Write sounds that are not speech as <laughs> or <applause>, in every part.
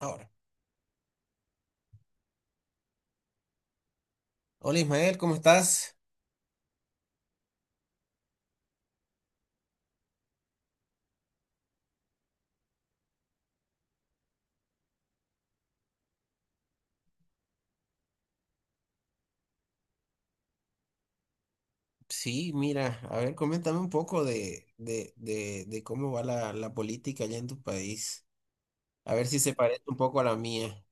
Ahora. Hola Ismael, ¿cómo estás? Sí, mira, a ver, coméntame un poco de cómo va la política allá en tu país. A ver si se parece un poco a la mía.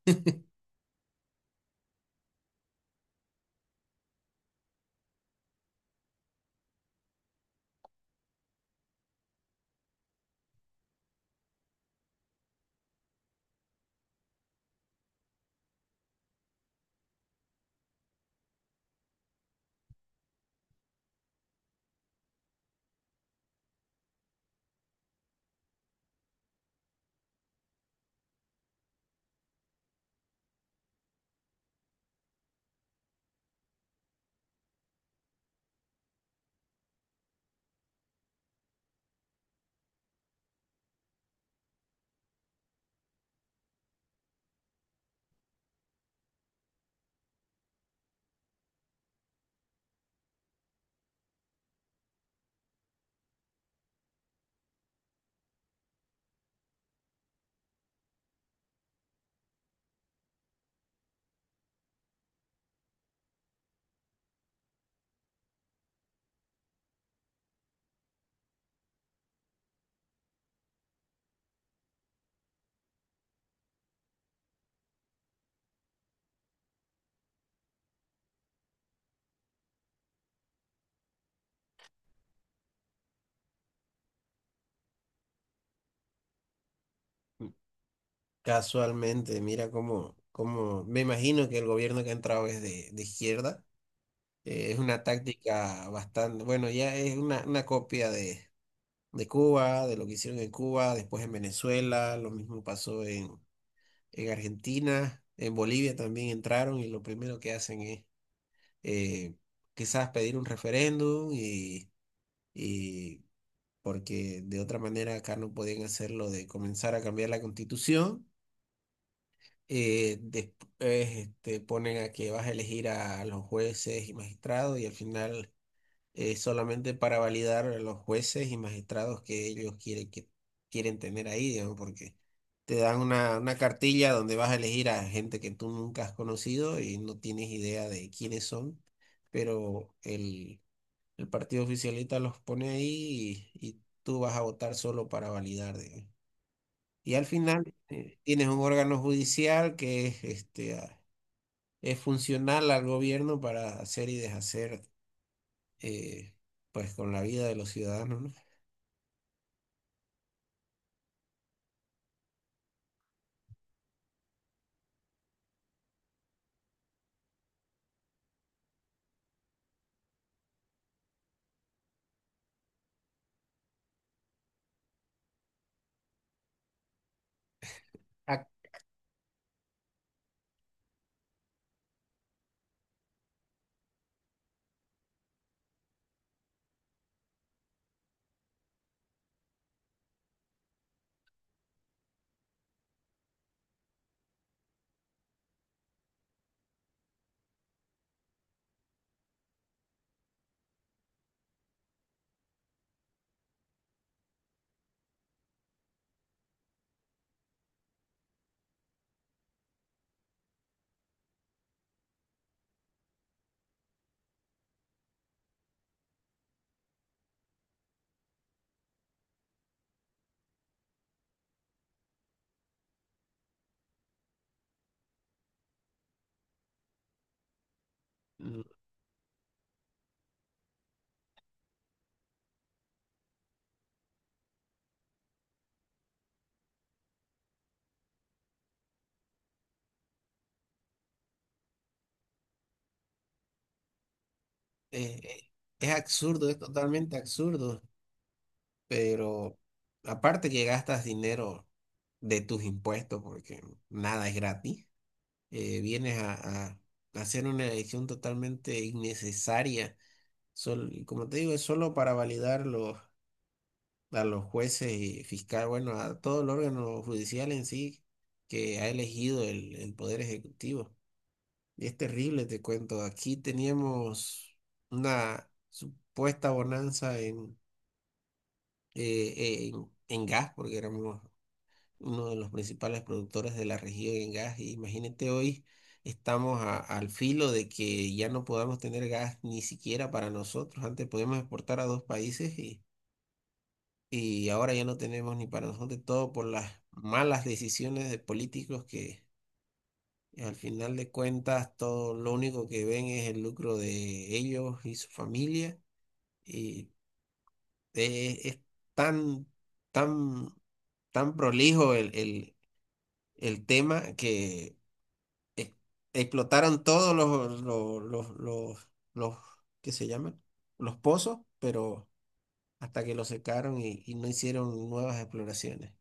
mm, Casualmente, mira cómo me imagino que el gobierno que ha entrado es de izquierda. Es una táctica bastante, bueno, ya es una copia de Cuba, de lo que hicieron en Cuba, después en Venezuela, lo mismo pasó en Argentina, en Bolivia también entraron y lo primero que hacen es eh, quizás pedir un referéndum y porque de otra manera acá no podían hacerlo de comenzar a cambiar la constitución. Después ponen a que vas a elegir a los jueces y magistrados y al final solamente para validar a los jueces y magistrados que ellos quieren, que quieren tener ahí, digamos, porque te dan una cartilla donde vas a elegir a gente que tú nunca has conocido y no tienes idea de quiénes son, pero el partido oficialista los pone ahí y tú vas a votar solo para validar, digamos. Y al final tienes un órgano judicial que es, este, es funcional al gobierno para hacer y deshacer eh, pues con la vida de los ciudadanos, ¿no? Ac- mm, eh, eh, es absurdo, es totalmente absurdo, pero aparte que gastas dinero de tus impuestos porque nada es gratis. Vienes a hacer una elección totalmente innecesaria. Y como te digo, es solo para validar a los jueces y fiscal, bueno, a todo el órgano judicial en sí que ha elegido el Poder Ejecutivo. Y es terrible, te cuento. Aquí teníamos una supuesta bonanza en gas, porque éramos uno de los principales productores de la región en gas. Y imagínate hoy estamos al filo de que ya no podamos tener gas ni siquiera para nosotros. Antes podíamos exportar a dos países y ahora ya no tenemos ni para nosotros, todo por las malas decisiones de políticos que al final de cuentas todo lo único que ven es el lucro de ellos y su familia. Y es tan, tan, tan prolijo el el tema que e- explotaron todos los ¿qué se llaman? Los pozos, pero hasta que los secaron y no hicieron nuevas exploraciones.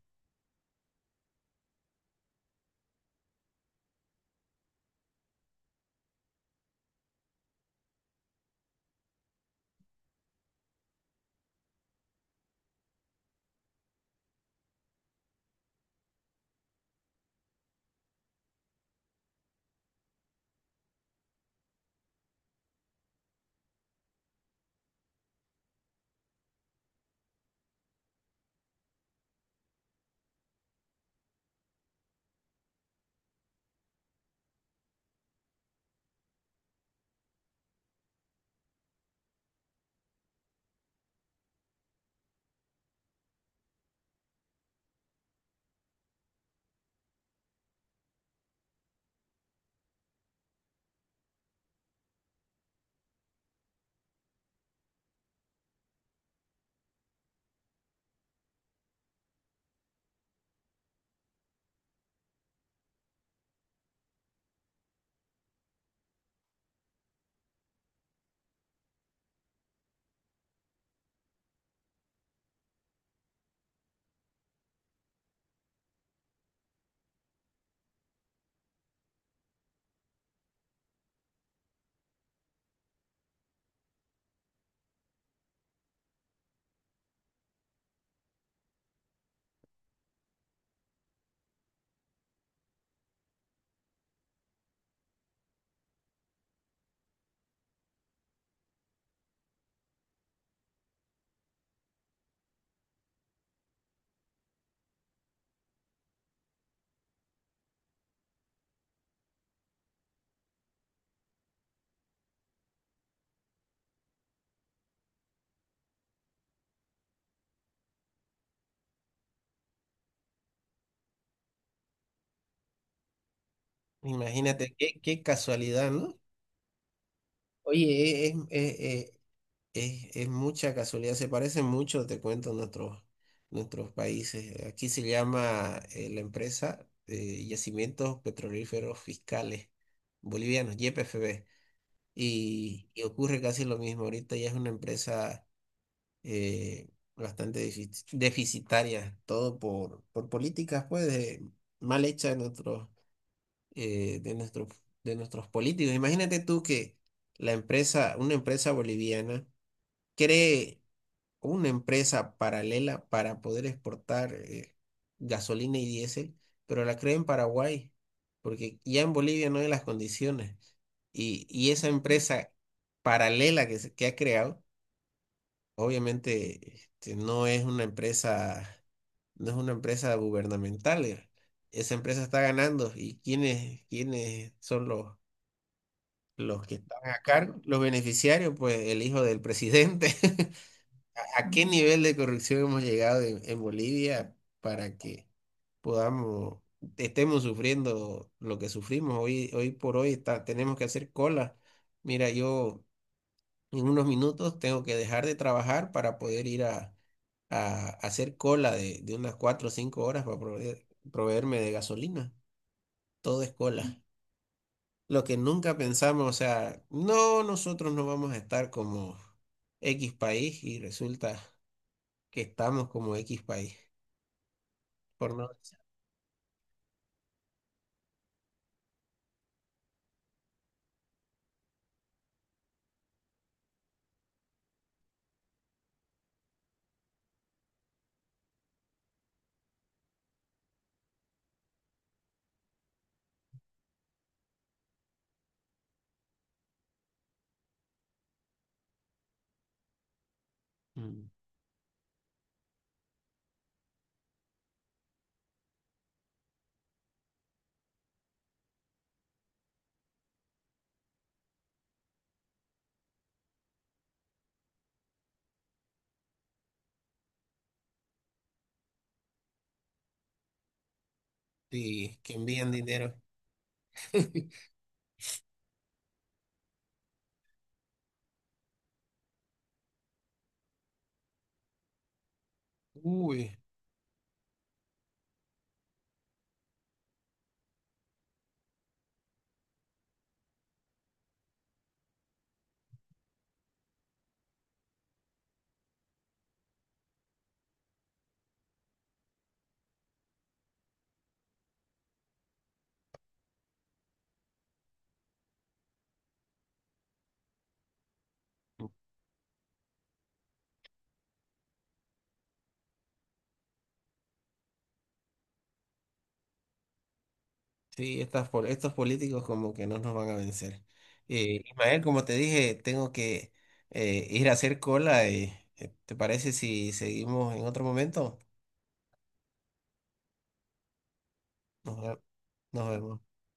Imagínate qué, qué casualidad, ¿no? Oye, es mucha casualidad, se parecen mucho, te cuento, nuestros países. Aquí se llama la empresa Yacimientos Petrolíferos Fiscales Bolivianos, YPFB. Y ocurre casi lo mismo. Ahorita ya es una empresa eh, bastante deficitarias, todo por políticas pues mal hechas de eh, de nuestros, de nuestros políticos. Imagínate tú que una empresa boliviana cree una empresa paralela para poder exportar gasolina y diésel, pero la crea en Paraguay, porque ya en Bolivia no hay las condiciones. Y esa empresa paralela que ha creado obviamente este, no es una empresa, no es una empresa gubernamental. Eh, esa empresa está ganando. ¿Y quiénes, quiénes son los que están a cargo? Los beneficiarios, pues el hijo del presidente. <laughs> ¿A, a qué nivel de corrupción hemos llegado en Bolivia para que podamos, estemos sufriendo lo que sufrimos hoy, hoy por hoy? Tenemos que hacer cola. Mira, yo... En unos minutos tengo que dejar de trabajar para poder ir a hacer cola de unas cuatro o cinco horas para proveerme de gasolina. Todo es cola. Lo que nunca pensamos, o sea, no, nosotros no vamos a estar como X país y resulta que estamos como X país. Por no decir, mm, sí, que envían dinero. <laughs> Uy. Sí, estos políticos como que no nos van a vencer. Ismael, como te dije, tengo que ir a hacer cola y ¿te parece si seguimos en otro momento? Nos, ve- Nos vemos.